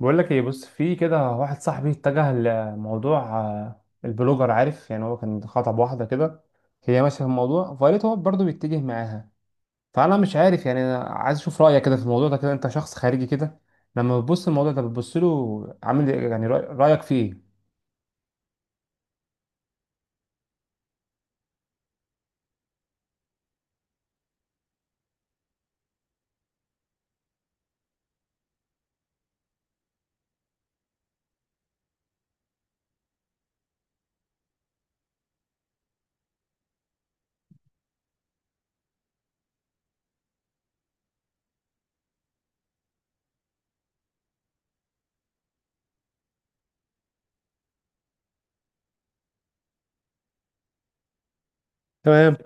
بقول لك ايه؟ بص، في كده واحد صاحبي اتجه لموضوع البلوجر، عارف؟ يعني هو كان خطب واحده كده، هي ماشيه في الموضوع، فقالت هو برضه بيتجه معاها. فانا مش عارف، يعني انا عايز اشوف رايك كده في الموضوع ده، كده انت شخص خارجي كده، لما بتبص الموضوع ده بتبص له عامل إيه؟ يعني رايك فيه ايه؟ تمام.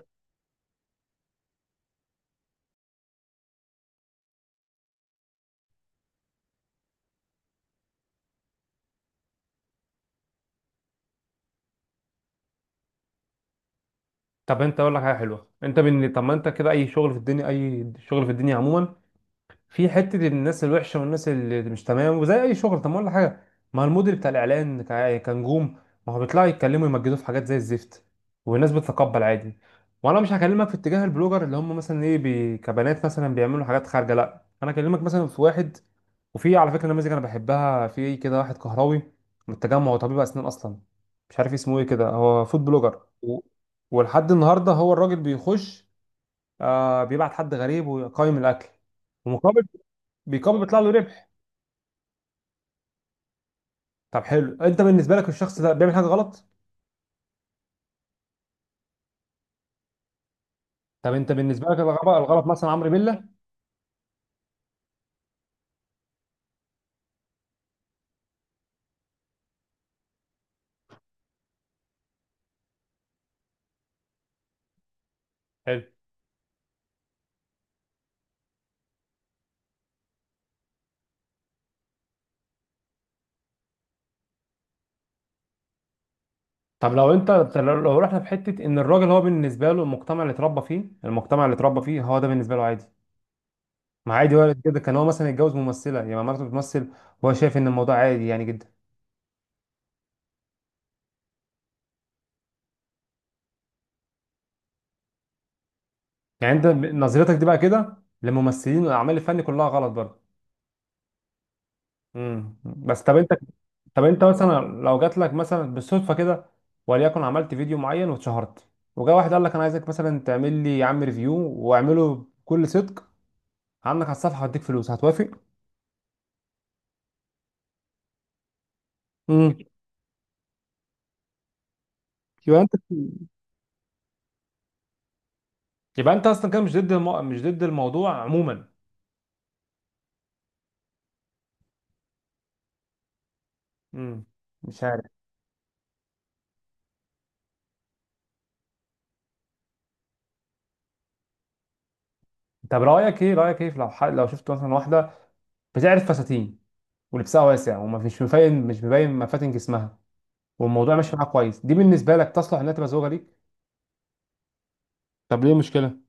طب انت اقول لك حاجه حلوه، طب ما انت كده اي شغل في الدنيا، اي شغل في الدنيا عموما في حته الناس الوحشه والناس اللي مش تمام، وزي اي شغل، طب ما اقول لك حاجه، ما المدير بتاع الاعلان كنجوم، ما هو بيطلعوا يتكلموا يمجدوه في حاجات زي الزفت، والناس بتتقبل عادي. وانا مش هكلمك في اتجاه البلوجر اللي هم مثلا ايه كبنات مثلا بيعملوا حاجات خارجه، لا، انا اكلمك مثلا في واحد. وفي على فكره نماذج انا بحبها في كده، واحد كهراوي من التجمع، هو طبيب اسنان اصلا، مش عارف اسمه ايه كده، هو فود بلوجر ولحد النهارده هو الراجل بيخش، آه، بيبعت حد غريب ويقيم الاكل، ومقابل بيكون بيطلع له ربح. طب حلو، انت بالنسبه لك الشخص ده بيعمل حاجه غلط؟ طب انت بالنسبه لك الغلط، الغلط مثلا عمرو بيلا. حلو. طب لو انت، لو رحنا في حته ان الراجل هو بالنسبه له المجتمع اللي اتربى فيه، المجتمع اللي اتربى فيه هو ده بالنسبه له عادي، ما عادي، هو كده كان هو مثلا يتجوز ممثله، يعني مراته بتمثل، وهو شايف ان الموضوع عادي يعني جدا. يعني انت نظرتك دي بقى كده للممثلين والاعمال الفني كلها غلط برضه؟ بس طب انت مثلا لو جات لك مثلا بالصدفه كده، وليكن عملت فيديو معين واتشهرت، وجا واحد قال لك انا عايزك مثلا تعمل لي يا عم ريفيو، واعمله بكل صدق عنك على الصفحه واديك فلوس، هتوافق؟ امم يبقى انت يبقى انت اصلا كده مش ضد مش ضد الموضوع عموما؟ امم مش عارف. طب رايك ايه، لو شفت مثلا واحده بتعرف فساتين ولبسها واسع وما فيش مش مبين مفاتن جسمها، والموضوع ماشي معاها كويس، دي بالنسبه لك تصلح انها تبقى زوجه ليك؟ طب ليه مشكله؟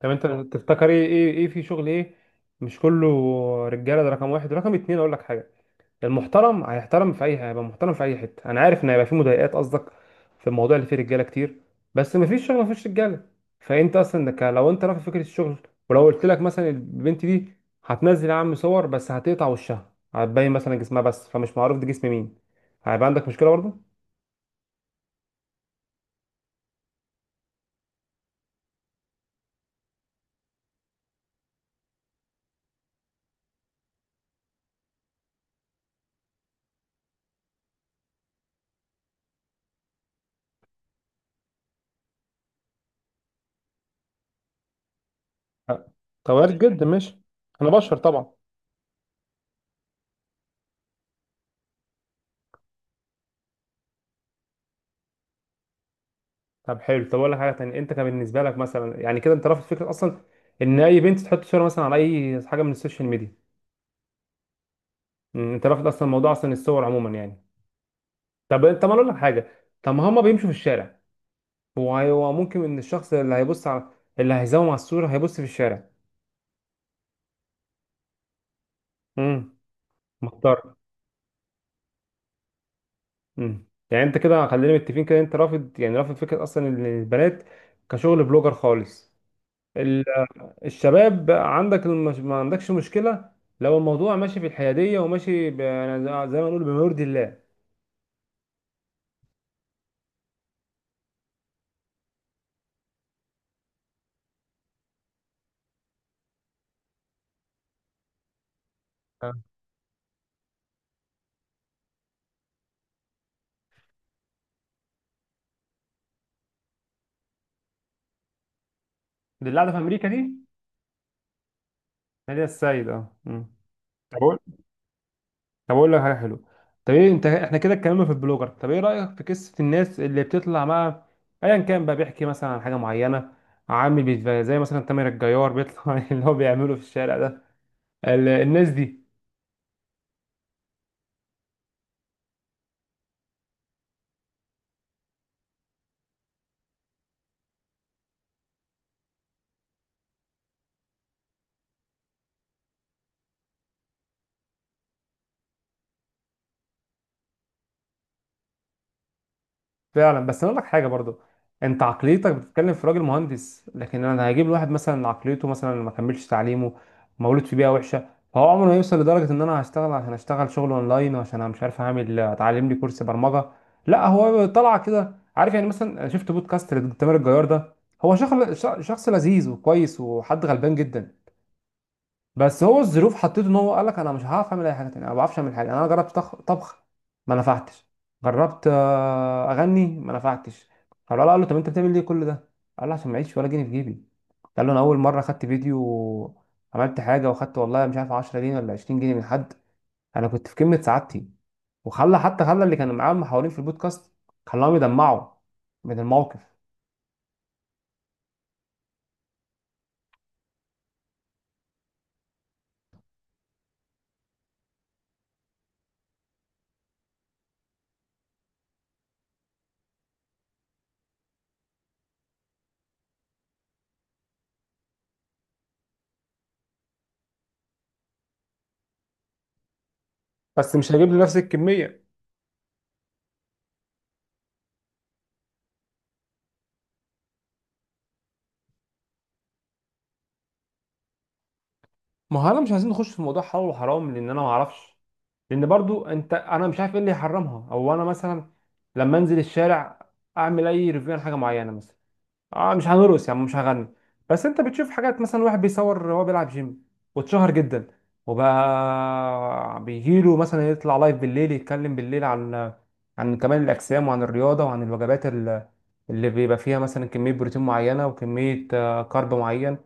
طب انت تفتكر ايه في شغل ايه مش كله رجاله؟ ده رقم واحد. رقم اتنين، اقول لك حاجه، المحترم هيحترم في اي، هيبقى محترم في اي حته. انا عارف ان هيبقى في مضايقات قصدك في الموضوع اللي فيه رجاله كتير، بس مفيش شغل مفيش رجاله. فانت اصلا لو انت رافض فكره الشغل، ولو قلت لك مثلا البنت دي هتنزل يا عم صور، بس هتقطع وشها، هتبين مثلا جسمها بس فمش معروف ده جسم مين، هيبقى عندك مشكله برضه؟ لا. كوارث جدا، ماشي، انا بشر طبعا. طب حلو، طب اقول لك حاجه تانية، انت كان بالنسبه لك مثلا، يعني كده انت رافض فكره اصلا ان اي بنت تحط صوره مثلا على اي حاجه من السوشيال ميديا؟ انت رافض اصلا موضوع اصلا الصور عموما يعني؟ طب انت، ما اقول لك حاجه، طب ما هما بيمشوا في الشارع، هو ممكن ان الشخص اللي هيبص على، اللي هيزوم على الصوره هيبص في الشارع. امم محتار. يعني انت كده خلينا متفقين كده، انت رافض، يعني رافض فكره اصلا ان البنات كشغل بلوجر خالص. ال- الشباب بقى عندك ما عندكش مشكلة لو الموضوع ماشي في الحيادية وماشي يعني زي ما نقول بما يرضي الله. آه. دي اللي قاعدة في أمريكا دي. نادية السيد، اه. مم. طب أقول طب أقول لك حاجة حلوة، طب إيه، إحنا كده اتكلمنا في البلوجر، طب إيه رأيك في قصة الناس اللي بتطلع مع أيا كان بقى، بيحكي مثلا عن حاجة معينة، عامل زي مثلا تامر الجيار بيطلع اللي هو بيعمله في الشارع ده، الناس دي. فعلا، بس انا اقول لك حاجه برضو، انت عقليتك بتتكلم في راجل مهندس، لكن انا هجيب لواحد مثلا عقليته مثلا ما كملش تعليمه، مولود في بيئه وحشه، فهو عمره ما هيوصل لدرجه ان انا هشتغل، عشان اشتغل شغل اونلاين، وعشان انا مش عارف اعمل، اتعلم لي كورس برمجه. لا هو طلع كده عارف، يعني مثلا أنا شفت بودكاست لتامر الجيار ده، هو شخص، شخص لذيذ وكويس وحد غلبان جدا، بس هو الظروف حطيته ان هو قال لك انا مش هعرف اعمل اي حاجه تانية، انا ما بعرفش اعمل حاجه، انا جربت طبخ ما نفعتش، جربت اغني ما نفعتش، فالولد قال له طب انت بتعمل ليه كل ده، قال له عشان ما اعيش ولا جنيه في جيبي، قال له انا اول مره خدت فيديو، عملت حاجه وخدت والله مش عارف 10 جنيه ولا 20 جنيه من حد، انا كنت في قمه سعادتي، وخلى، حتى خلى اللي كانوا معاه محاورين في البودكاست، خلاهم يدمعوا من الموقف. بس مش هجيب لنفس الكميه. ما هو انا مش عايزين نخش في موضوع حلال وحرام، لان انا ما اعرفش، لان برضو انت، انا مش عارف ايه اللي يحرمها، او انا مثلا لما انزل الشارع اعمل اي ريفيو عن حاجه معينه مثلا، اه مش هنرقص يعني، مش هغني، بس انت بتشوف حاجات مثلا واحد بيصور وهو بيلعب جيم، واتشهر جدا، وبقى بيجيله مثلا يطلع لايف بالليل، يتكلم بالليل عن، عن كمال الاجسام وعن الرياضه وعن الوجبات اللي بيبقى فيها مثلا كميه بروتين معينه وكميه كارب معين،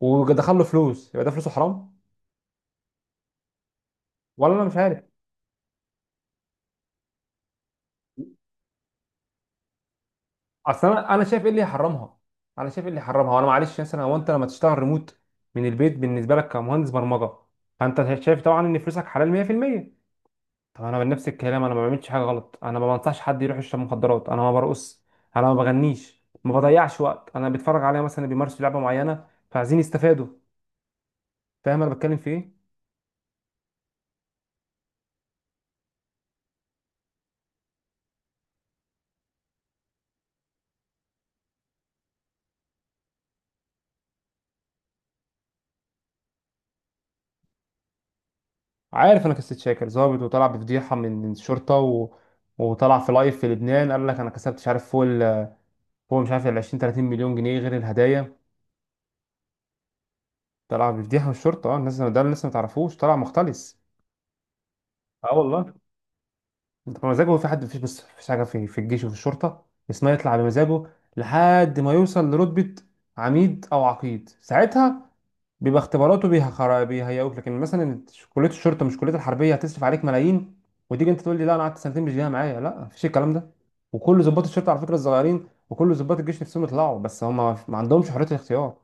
ودخل له فلوس، يبقى ده فلوسه حرام؟ ولا انا مش عارف. اصل انا شايف ايه اللي يحرمها، انا شايف ايه اللي يحرمها، وانا معلش مثلا، هو انت لما تشتغل ريموت من البيت بالنسبه لك كمهندس برمجه، فانت شايف طبعا ان فلوسك حلال 100%. طب انا بنفس الكلام، انا ما بعملش حاجه غلط، انا ما بنصحش حد يروح يشرب مخدرات، انا ما برقص، انا ما بغنيش، ما بضيعش وقت، انا بتفرج عليا مثلا بيمارسوا لعبه معينه فعايزين يستفادوا، فاهم انا بتكلم في ايه؟ عارف انا قصه شاكر ظابط، وطلع بفضيحه من الشرطه وطلع في لايف في لبنان قال لك انا كسبت مش عارف فوق هو مش عارف ال 20 30 مليون جنيه غير الهدايا، طلع بيفضيح من الشرطة، اه، الناس ده اللي لسه ما تعرفوش، طلع مختلس. اه والله. انت بمزاجه في حد؟ مفيش، بس مفيش حاجة في الجيش وفي الشرطة اسمها يطلع بمزاجه، لحد ما يوصل لرتبة عميد أو عقيد، ساعتها بيبقى اختباراته بيها بيهيئوك، لكن مثلا كلية الشرطة مش كلية الحربية هتصرف عليك ملايين، وتيجي انت تقول لي لا انا قعدت سنتين مش جايه معايا، لا مفيش الكلام ده، وكل ضباط الشرطة على فكرة الصغيرين وكل ضباط الجيش نفسهم يطلعوا، بس هم ما عندهمش حرية الاختيار.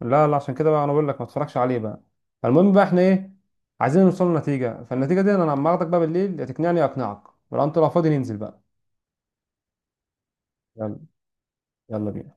لا، لا، عشان كده بقى انا بقول لك ما تتفرجش عليه بقى. المهم بقى، احنا ايه؟ عايزين نوصل لنتيجة، فالنتيجة دي انا لما اخدك بقى بالليل، يا تقنعني يا اقنعك، ولو انت، لو فاضي ننزل بقى. يلا. يلا بينا.